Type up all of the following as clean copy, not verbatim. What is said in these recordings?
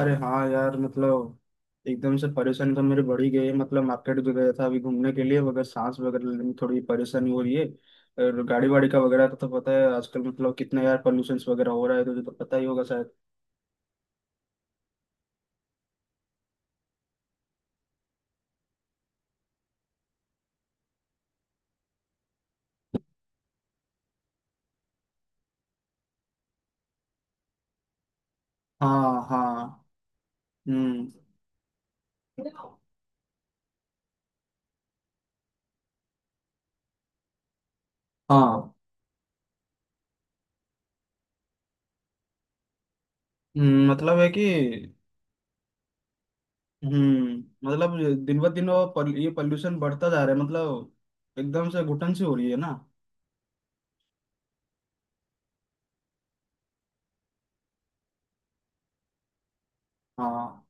अरे हाँ यार मतलब एकदम से परेशानी तो मेरी बढ़ ही गई है। मतलब मार्केट जो गया था अभी घूमने के लिए वगैरह सांस वगैरह लेने में थोड़ी परेशानी हो रही है। और गाड़ी वाड़ी का वगैरह का तो पता है, आजकल मतलब कितना यार पोल्यूशन वगैरह हो रहा है, तुझे तो पता ही होगा शायद। हाँ हाँ। हम्म। हाँ। मतलब है कि। हम्म। मतलब दिन ब दिन वो ये पॉल्यूशन बढ़ता जा रहा है मतलब। एकदम से घुटन सी हो रही है ना। हाँ।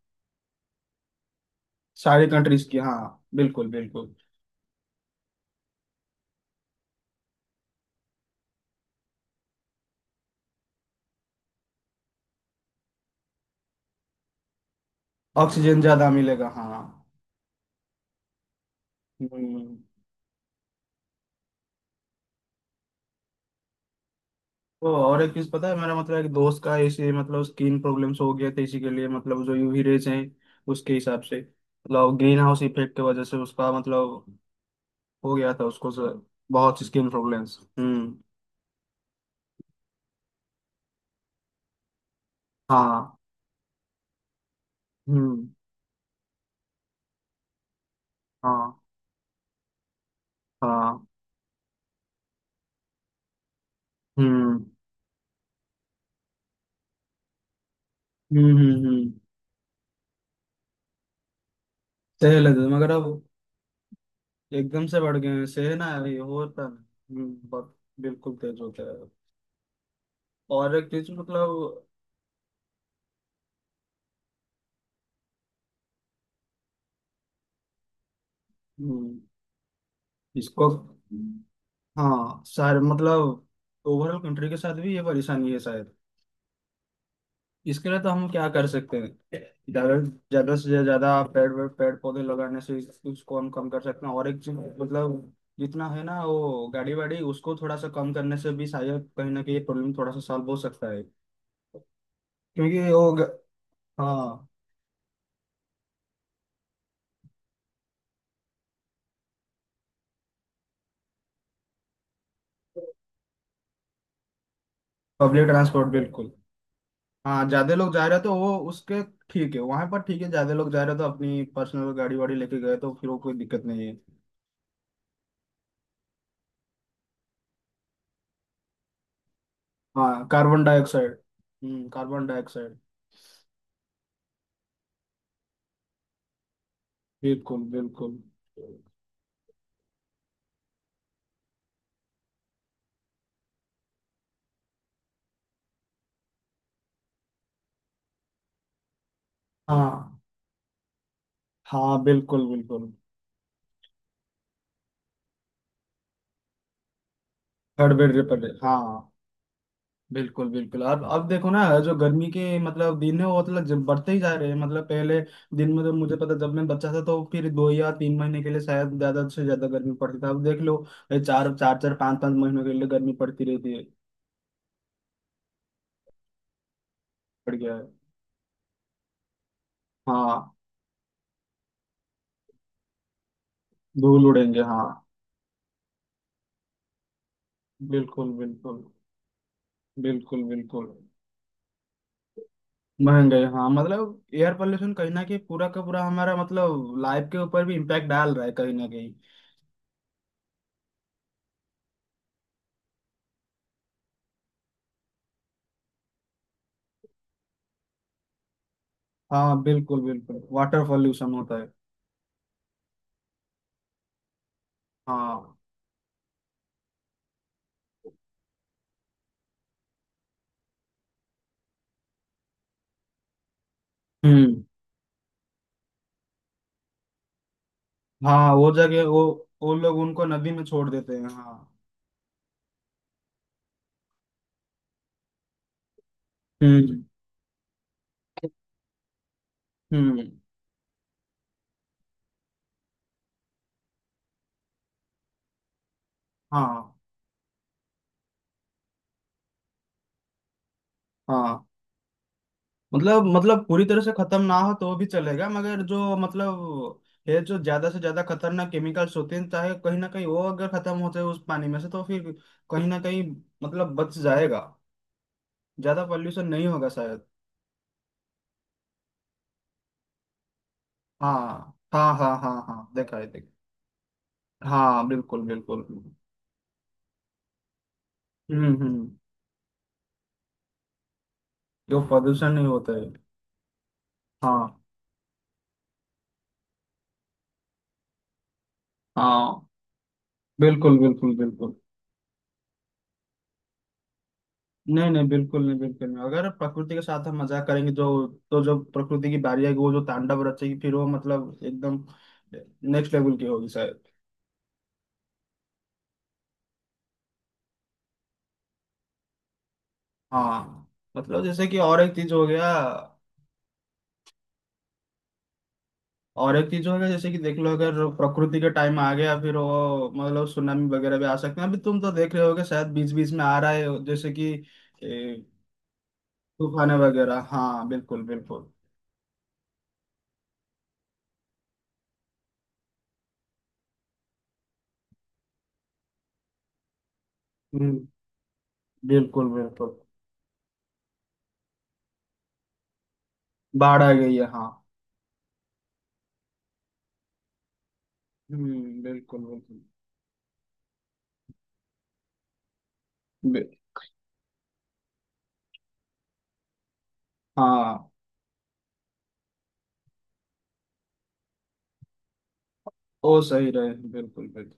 सारी कंट्रीज की, हाँ, बिल्कुल बिल्कुल। ऑक्सीजन ज्यादा मिलेगा, हाँ। हम्म। वो और एक चीज पता है, मेरा मतलब एक दोस्त का ऐसे मतलब स्किन प्रॉब्लम्स हो गया था इसी के लिए, मतलब जो यूवी रेज हैं उसके हिसाब से मतलब ग्रीन हाउस इफेक्ट की वजह से उसका मतलब हो गया था उसको से। बहुत स्किन प्रॉब्लम्स। हम्म। हाँ। हम्म। हाँ हाँ। हम्म हम्म। हम्म। सही लगे मगर अब एकदम से बढ़ गए हैं, सही ना, ये होता है, हम्म, बहुत। बिल्कुल तेज होता है। और एक चीज मतलब। हम्म। इसको। हाँ शायद मतलब ओवरऑल कंट्री के साथ भी ये परेशानी है शायद। इसके लिए तो हम क्या कर सकते हैं? ज्यादा, ज्यादा से ज्यादा पेड़, पेड़ पौधे लगाने से इसको हम कम कर सकते हैं। और एक चीज मतलब जितना है ना वो गाड़ी वाड़ी उसको थोड़ा सा कम करने से भी शायद कहीं ना कहीं प्रॉब्लम थोड़ा सा सॉल्व हो सकता है। क्योंकि वो ग- हाँ। पब्लिक ट्रांसपोर्ट बिल्कुल। हाँ, ज्यादा लोग जा रहे हैं तो वो उसके। ठीक है, वहां पर ठीक है, ज्यादा लोग जा रहे हैं तो अपनी पर्सनल गाड़ी वाड़ी लेके गए तो फिर वो कोई दिक्कत नहीं है। हाँ, कार्बन डाइऑक्साइड। हम्म, कार्बन डाइऑक्साइड। बिल्कुल बिल्कुल। हाँ। हाँ बिल्कुल बिल्कुल। थर्ड बेड रिपेयर, हाँ। बिल्कुल बिल्कुल। अब देखो ना, जो गर्मी के मतलब दिन है वो मतलब जब बढ़ते ही जा रहे हैं, मतलब पहले दिन में तो मुझे पता जब मैं बच्चा था तो फिर दो या तीन महीने के लिए शायद ज्यादा से ज्यादा गर्मी पड़ती था, अब देख लो ये चार चार चार पाँच पाँच महीनों के लिए गर्मी पड़ती रहती है। पड़ गया है। हाँ। धूल उड़ेंगे, हाँ। बिल्कुल बिल्कुल। बिल्कुल बिल्कुल। महंगाई, हाँ, मतलब एयर पोल्यूशन कहीं ना कहीं पूरा का पूरा हमारा मतलब लाइफ के ऊपर भी इम्पैक्ट डाल रहा है कहीं ना कहीं। हाँ बिल्कुल बिल्कुल, वाटर पोल्यूशन होता है। हाँ। हम्म। हाँ वो जगह वो लोग उनको नदी में छोड़ देते हैं, हाँ। हम्म हम्म। हाँ। हाँ। मतलब पूरी तरह से खत्म ना हो तो भी चलेगा, मगर जो मतलब ये जो ज्यादा से ज्यादा खतरनाक केमिकल्स होते हैं, चाहे कहीं ना कहीं वो अगर खत्म होते हैं उस पानी में से तो फिर कहीं ना कहीं मतलब बच जाएगा, ज्यादा पॉल्यूशन नहीं होगा शायद। हाँ हाँ हाँ हाँ हाँ, देखा है, देखा। हाँ बिल्कुल बिल्कुल। हम्म। जो प्रदूषण नहीं होता है। हाँ। हाँ बिल्कुल बिल्कुल बिल्कुल। नहीं नहीं बिल्कुल नहीं बिल्कुल नहीं, अगर प्रकृति के साथ हम मजाक करेंगे जो तो जो प्रकृति की बारी आएगी वो जो तांडव रचेगी फिर वो मतलब एकदम नेक्स्ट लेवल की होगी शायद। हाँ। मतलब जैसे कि और एक चीज हो गया। और एक चीज होगा जैसे कि देख लो, अगर प्रकृति के टाइम आ गया फिर वो मतलब सुनामी वगैरह भी आ सकते हैं, अभी तुम तो देख रहे होगे शायद, बीच बीच में आ रहा है जैसे कि। ए, तूफान वगैरह, हाँ बिल्कुल बिल्कुल। हम्म बिल्कुल बिल्कुल। बाढ़ आ गई है, हाँ। बिल्कुल बिल्कुल। बि- हाँ। वो सही रहे, बिल्कुल बिल्कुल।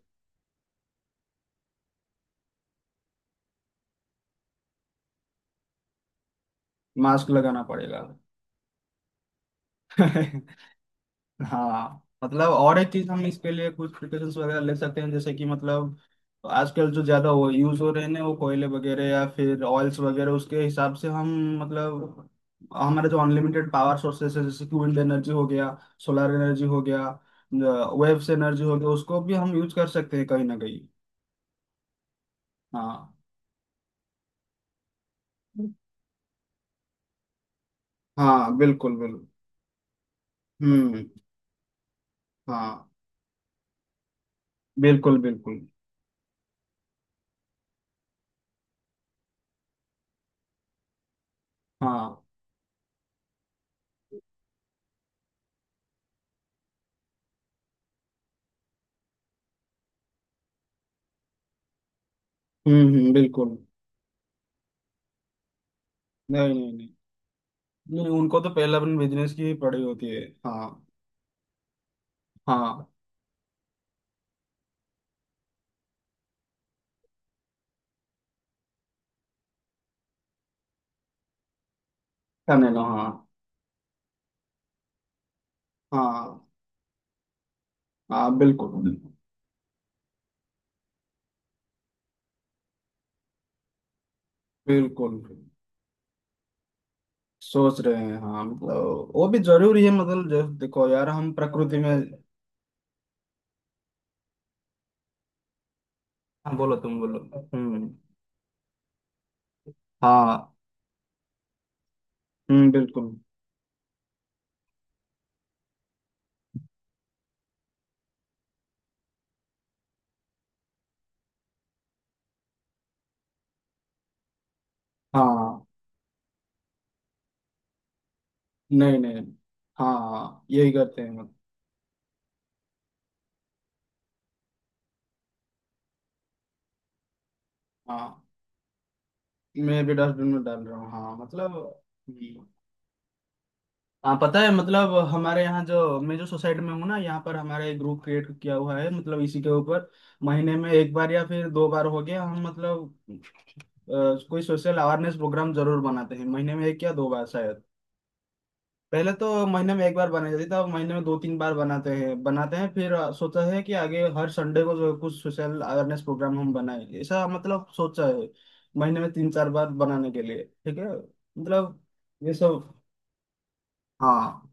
मास्क लगाना पड़ेगा। हाँ मतलब और एक चीज, हम इसके लिए कुछ प्रिकॉशंस वगैरह ले सकते हैं जैसे कि, मतलब तो आजकल जो ज्यादा वो यूज हो रहे हैं ना वो कोयले वगैरह या फिर ऑयल्स वगैरह, उसके हिसाब से हम मतलब हमारे जो अनलिमिटेड पावर सोर्सेस है जैसे कि विंड एनर्जी हो गया, सोलर एनर्जी हो गया, वेव्स एनर्जी हो गया, उसको भी हम यूज कर सकते हैं कहीं ना कहीं। हाँ। हाँ बिल्कुल बिल्कुल। हम्म। हाँ बिल्कुल बिल्कुल। हाँ। बिल्कुल। नहीं नहीं नहीं, नहीं उनको तो पहले अपने बिजनेस की ही पड़ी होती है। हाँ। हाँ, करने लो, हाँ। हाँ। हाँ बिल्कुल बिल्कुल, सोच रहे हैं, हाँ, मतलब वो भी जरूरी है, मतलब जब देखो यार हम प्रकृति में। हाँ बोलो, तुम बोलो। हम्म। हाँ। बिल्कुल। हाँ। नहीं नहीं, हाँ हाँ यही करते हैं मतलब। हाँ, मैं भी डस्टबिन में डाल रहा हूँ, हाँ मतलब। हम्म। हाँ पता है, मतलब हमारे यहाँ जो मैं जो सोसाइटी में हूँ ना, यहाँ पर हमारा एक ग्रुप क्रिएट किया हुआ है मतलब इसी के ऊपर। महीने में एक बार या फिर दो बार हो गया, हम मतलब अ, कोई सोशल अवेयरनेस प्रोग्राम जरूर बनाते हैं महीने में एक या दो बार शायद। पहले तो महीने में एक बार बनाई जाती थी, अब महीने में दो तीन बार बनाते हैं बनाते हैं, फिर सोचा है कि आगे हर संडे को जो कुछ सोशल अवेयरनेस प्रोग्राम हम बनाएं ऐसा, मतलब सोचा है। महीने में तीन चार बार बनाने के लिए ठीक है, मतलब ये सब। हाँ।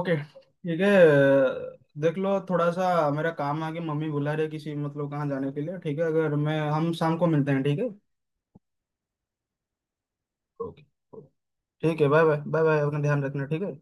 ओके ठीक है, देख लो थोड़ा सा, मेरा काम आगे मम्मी बुला रही है किसी मतलब कहाँ जाने के लिए, ठीक है अगर, मैं हम शाम को मिलते हैं ठीक है। ओके ठीक है, बाय बाय बाय बाय, अपना ध्यान रखना ठीक है।